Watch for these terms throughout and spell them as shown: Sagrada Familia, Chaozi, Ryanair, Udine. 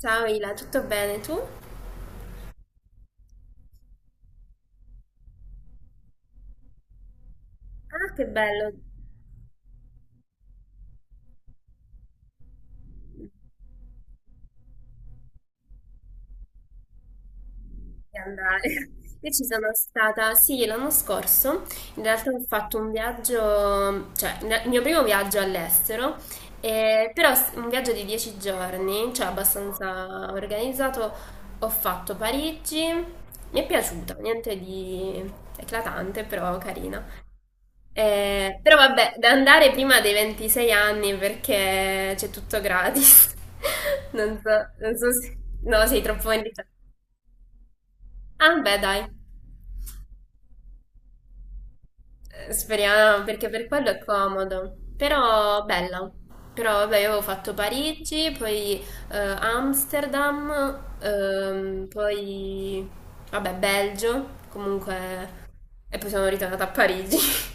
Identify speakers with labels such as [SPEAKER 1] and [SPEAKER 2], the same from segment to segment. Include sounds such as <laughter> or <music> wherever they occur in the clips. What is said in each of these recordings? [SPEAKER 1] Ciao Ila, tutto bene tu? Ah, che bello. Di andare. <laughs> Io ci sono stata, sì, l'anno scorso, in realtà ho fatto un viaggio, cioè il mio primo viaggio all'estero, però un viaggio di 10 giorni, cioè abbastanza organizzato, ho fatto Parigi, mi è piaciuta, niente di eclatante, però carina. Però vabbè, da andare prima dei 26 anni perché c'è tutto gratis. <laughs> Non so, non so se... No, sei troppo indietro. Ah, beh, dai. Speriamo, perché per quello è comodo. Però bella. Però vabbè, io avevo fatto Parigi, poi Amsterdam, poi vabbè, Belgio, comunque e poi sono ritornata a Parigi. <laughs>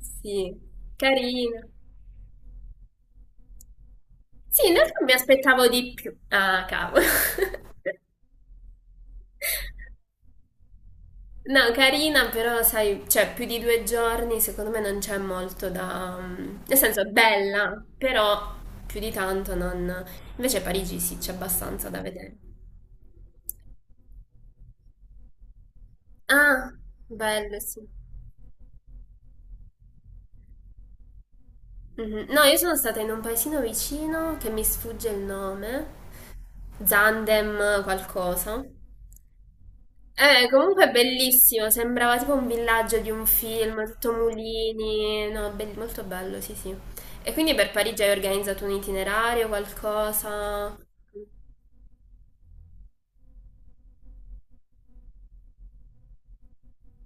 [SPEAKER 1] Sì, carina. Sì, in realtà mi aspettavo di più. Ah, cavolo. <laughs> No, carina, però sai, cioè più di 2 giorni secondo me non c'è molto da... Nel senso, è bella, però più di tanto non... Invece a Parigi sì, c'è abbastanza da vedere. Ah, bello, sì. Mhm. No, io sono stata in un paesino vicino che mi sfugge il nome, Zandem qualcosa. Comunque è bellissimo, sembrava tipo un villaggio di un film, tutto mulini, no, molto bello, sì, sì. E quindi per Parigi hai organizzato un itinerario, qualcosa?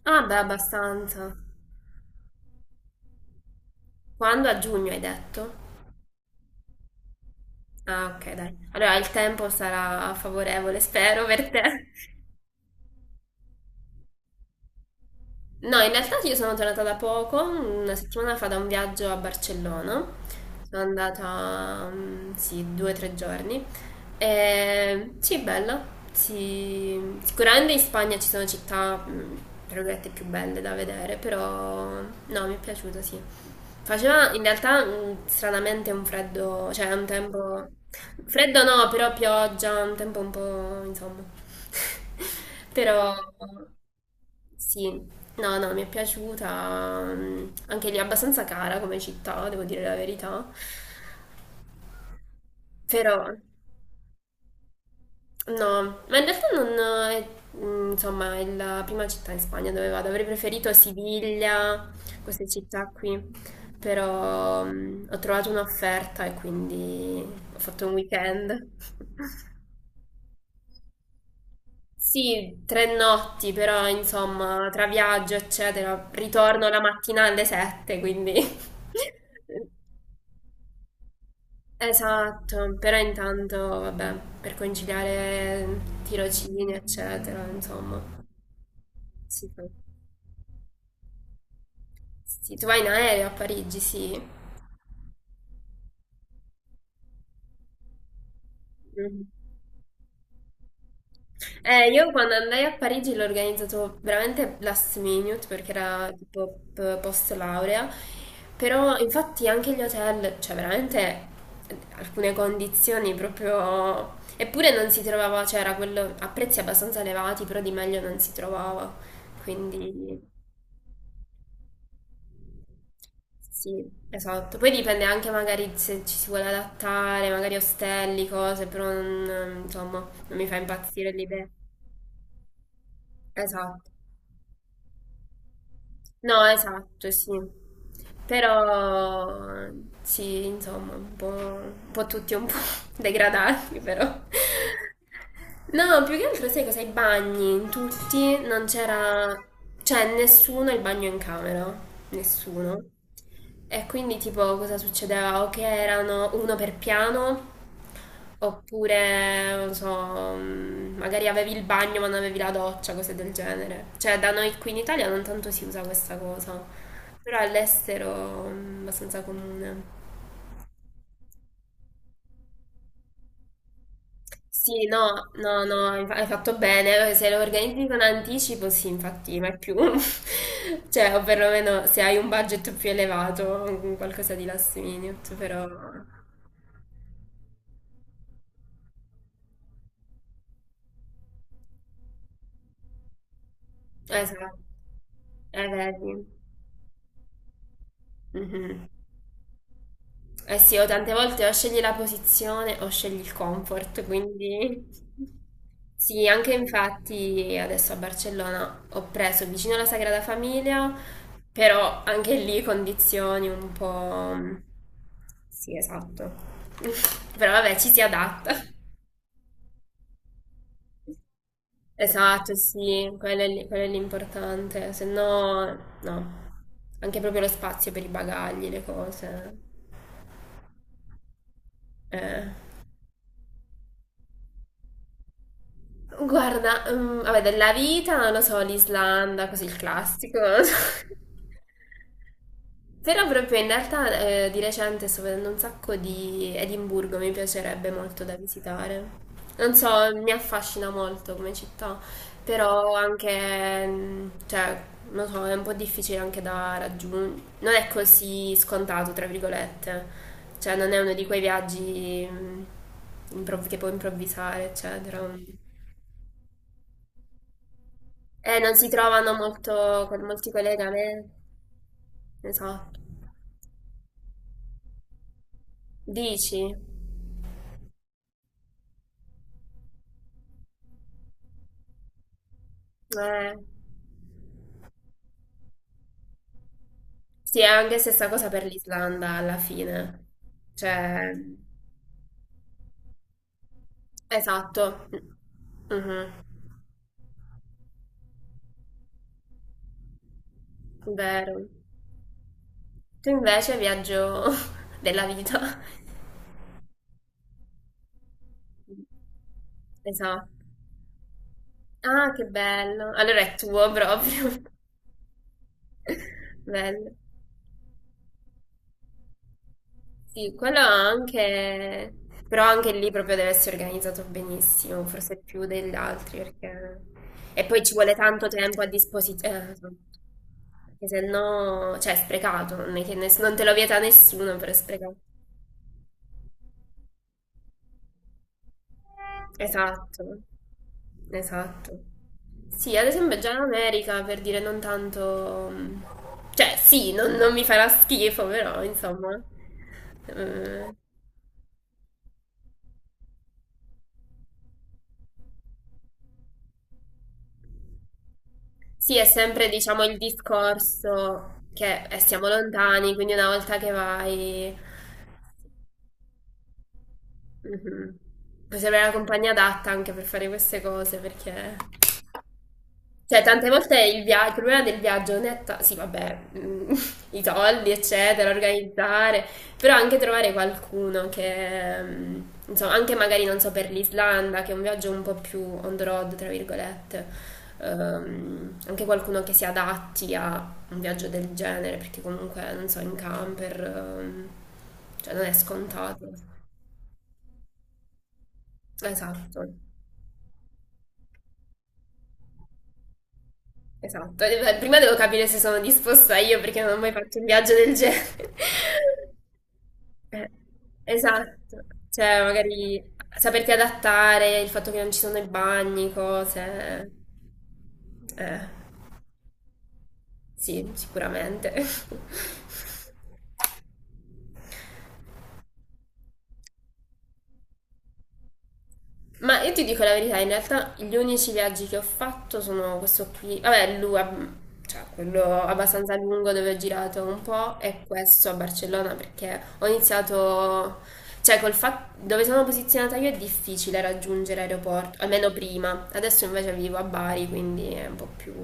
[SPEAKER 1] Ah, beh, abbastanza. Quando? A giugno hai detto? Ah, ok, dai. Allora il tempo sarà favorevole, spero, per te. No, in realtà io sono tornata da poco, una settimana fa da un viaggio a Barcellona. Sono andata, sì, 2 o 3 giorni. E, sì, bella. Sì. Sicuramente in Spagna ci sono città, tra virgolette, più belle da vedere, però no, mi è piaciuto, sì. Faceva in realtà stranamente un freddo, cioè un tempo... Freddo no, però pioggia, un tempo un po', insomma. <laughs> <laughs> Però sì, no, no, mi è piaciuta. Anche lì è abbastanza cara come città, devo dire la verità. Però no, ma in realtà non è, insomma, è la prima città in Spagna dove vado. Avrei preferito Siviglia, queste città qui. Però ho trovato un'offerta e quindi ho fatto un weekend. <laughs> Sì, 3 notti, però insomma, tra viaggio, eccetera, ritorno la mattina alle 7, quindi... <laughs> Esatto, però intanto, vabbè, per conciliare tirocini, eccetera, insomma, si fa. Sì, tu vai in aereo a Parigi, sì. Mhm. Io quando andai a Parigi l'ho organizzato veramente last minute perché era tipo post laurea, però infatti anche gli hotel, cioè veramente alcune condizioni proprio... Eppure non si trovava, cioè era quello a prezzi abbastanza elevati, però di meglio non si trovava, quindi sì, esatto. Poi dipende anche magari se ci si vuole adattare, magari ostelli, cose, però non, insomma, non mi fa impazzire l'idea. Esatto. No, esatto, sì. Però sì, insomma, un po' tutti un po' <laughs> degradati, però. No, più che altro sai cosa? I bagni, in tutti non c'era, cioè nessuno ha il bagno in camera, nessuno. E quindi tipo cosa succedeva? O che erano uno per piano, oppure, non so, magari avevi il bagno ma non avevi la doccia, cose del genere. Cioè, da noi qui in Italia non tanto si usa questa cosa, però all'estero è abbastanza comune. Sì, no, no, no, hai fatto bene. Se lo organizzi con anticipo, sì, infatti, ma è più. <laughs> Cioè, o perlomeno se hai un budget più elevato, qualcosa di last minute, però... Esatto, vedi. Mhm. Eh sì, o tante volte o scegli la posizione o scegli il comfort, quindi <laughs> sì, anche infatti adesso a Barcellona ho preso vicino alla Sagrada Famiglia, però anche lì condizioni un po'... Sì, esatto. <laughs> Però vabbè, ci si adatta. Esatto, sì, quello è l'importante, se no no, anche proprio lo spazio per i bagagli, le cose. Eh. Guarda, vabbè, della vita, non lo so, l'Islanda, così il classico, non lo so. <laughs> Però proprio in realtà di recente sto vedendo un sacco di Edimburgo, mi piacerebbe molto da visitare. Non so, mi affascina molto come città, però anche, cioè, non so, è un po' difficile anche da raggiungere. Non è così scontato, tra virgolette. Cioè, non è uno di quei viaggi che puoi improvvisare, eccetera. Non si trovano molto, con molti collegamenti, ne so. Dici? Eh. Sì, è anche stessa cosa per l'Islanda alla fine. Cioè, esatto. Mhm. Vero. Tu invece viaggio <laughs> della vita. Esatto. Ah, che bello. Allora è tuo proprio. <laughs> Bello. Sì, quello anche, però anche lì proprio deve essere organizzato benissimo, forse più degli altri, perché... E poi ci vuole tanto tempo a disposizione, perché se no, cioè è sprecato, non è che non te lo vieta nessuno, però è sprecato. Esatto, esatto. Sì, ad esempio già in America, per dire non tanto... Cioè sì, non mi farà schifo, però insomma... eh, Sì, è sempre, diciamo, il discorso che siamo lontani, quindi una volta che vai, mhm, puoi avere la compagnia adatta anche per fare queste cose, perché cioè, tante volte il problema del viaggio non è... Sì, vabbè, <laughs> i soldi, eccetera, organizzare, però anche trovare qualcuno che... insomma, anche magari, non so, per l'Islanda, che è un viaggio un po' più on the road, tra virgolette, anche qualcuno che si adatti a un viaggio del genere, perché comunque, non so, in camper, cioè non è scontato. Esatto. Esatto, e beh, prima devo capire se sono disposta io perché non ho mai fatto un viaggio del genere. <laughs> Eh, esatto, cioè magari saperti adattare, il fatto che non ci sono i bagni, cose. Eh, sì, sicuramente. <laughs> Ma io ti dico la verità, in realtà gli unici viaggi che ho fatto sono questo qui, vabbè, l'UA, cioè quello abbastanza lungo dove ho girato un po' e questo a Barcellona perché ho iniziato cioè, col fatto dove sono posizionata io è difficile raggiungere l'aeroporto, almeno prima. Adesso invece vivo a Bari, quindi è un po' più...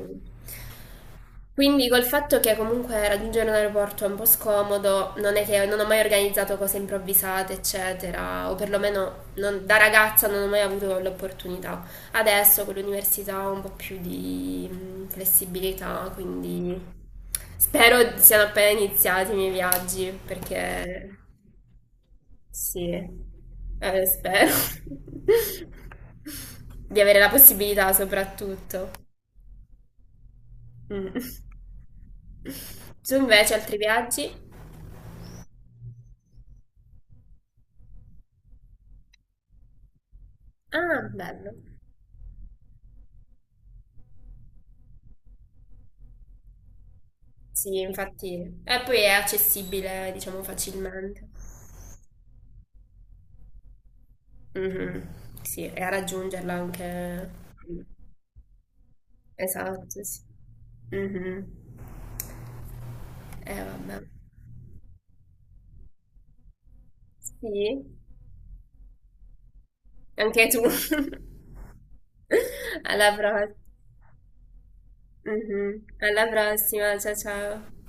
[SPEAKER 1] Quindi col fatto che comunque raggiungere un aeroporto è un po' scomodo, non è che non ho mai organizzato cose improvvisate, eccetera, o perlomeno da ragazza non ho mai avuto l'opportunità. Adesso con l'università ho un po' più di flessibilità, quindi spero siano appena iniziati i miei viaggi, perché... Sì, spero <laughs> di avere la possibilità soprattutto. Mm. Tu invece altri viaggi? Ah, bello. Sì, infatti. E poi è accessibile, diciamo, facilmente. Mhm. Sì, e a raggiungerla anche. Esatto, sì. Mhm. Vabbè. Sì, anche tu. <laughs> Alla prossima. Mhm. Alla prossima, ciao ciao.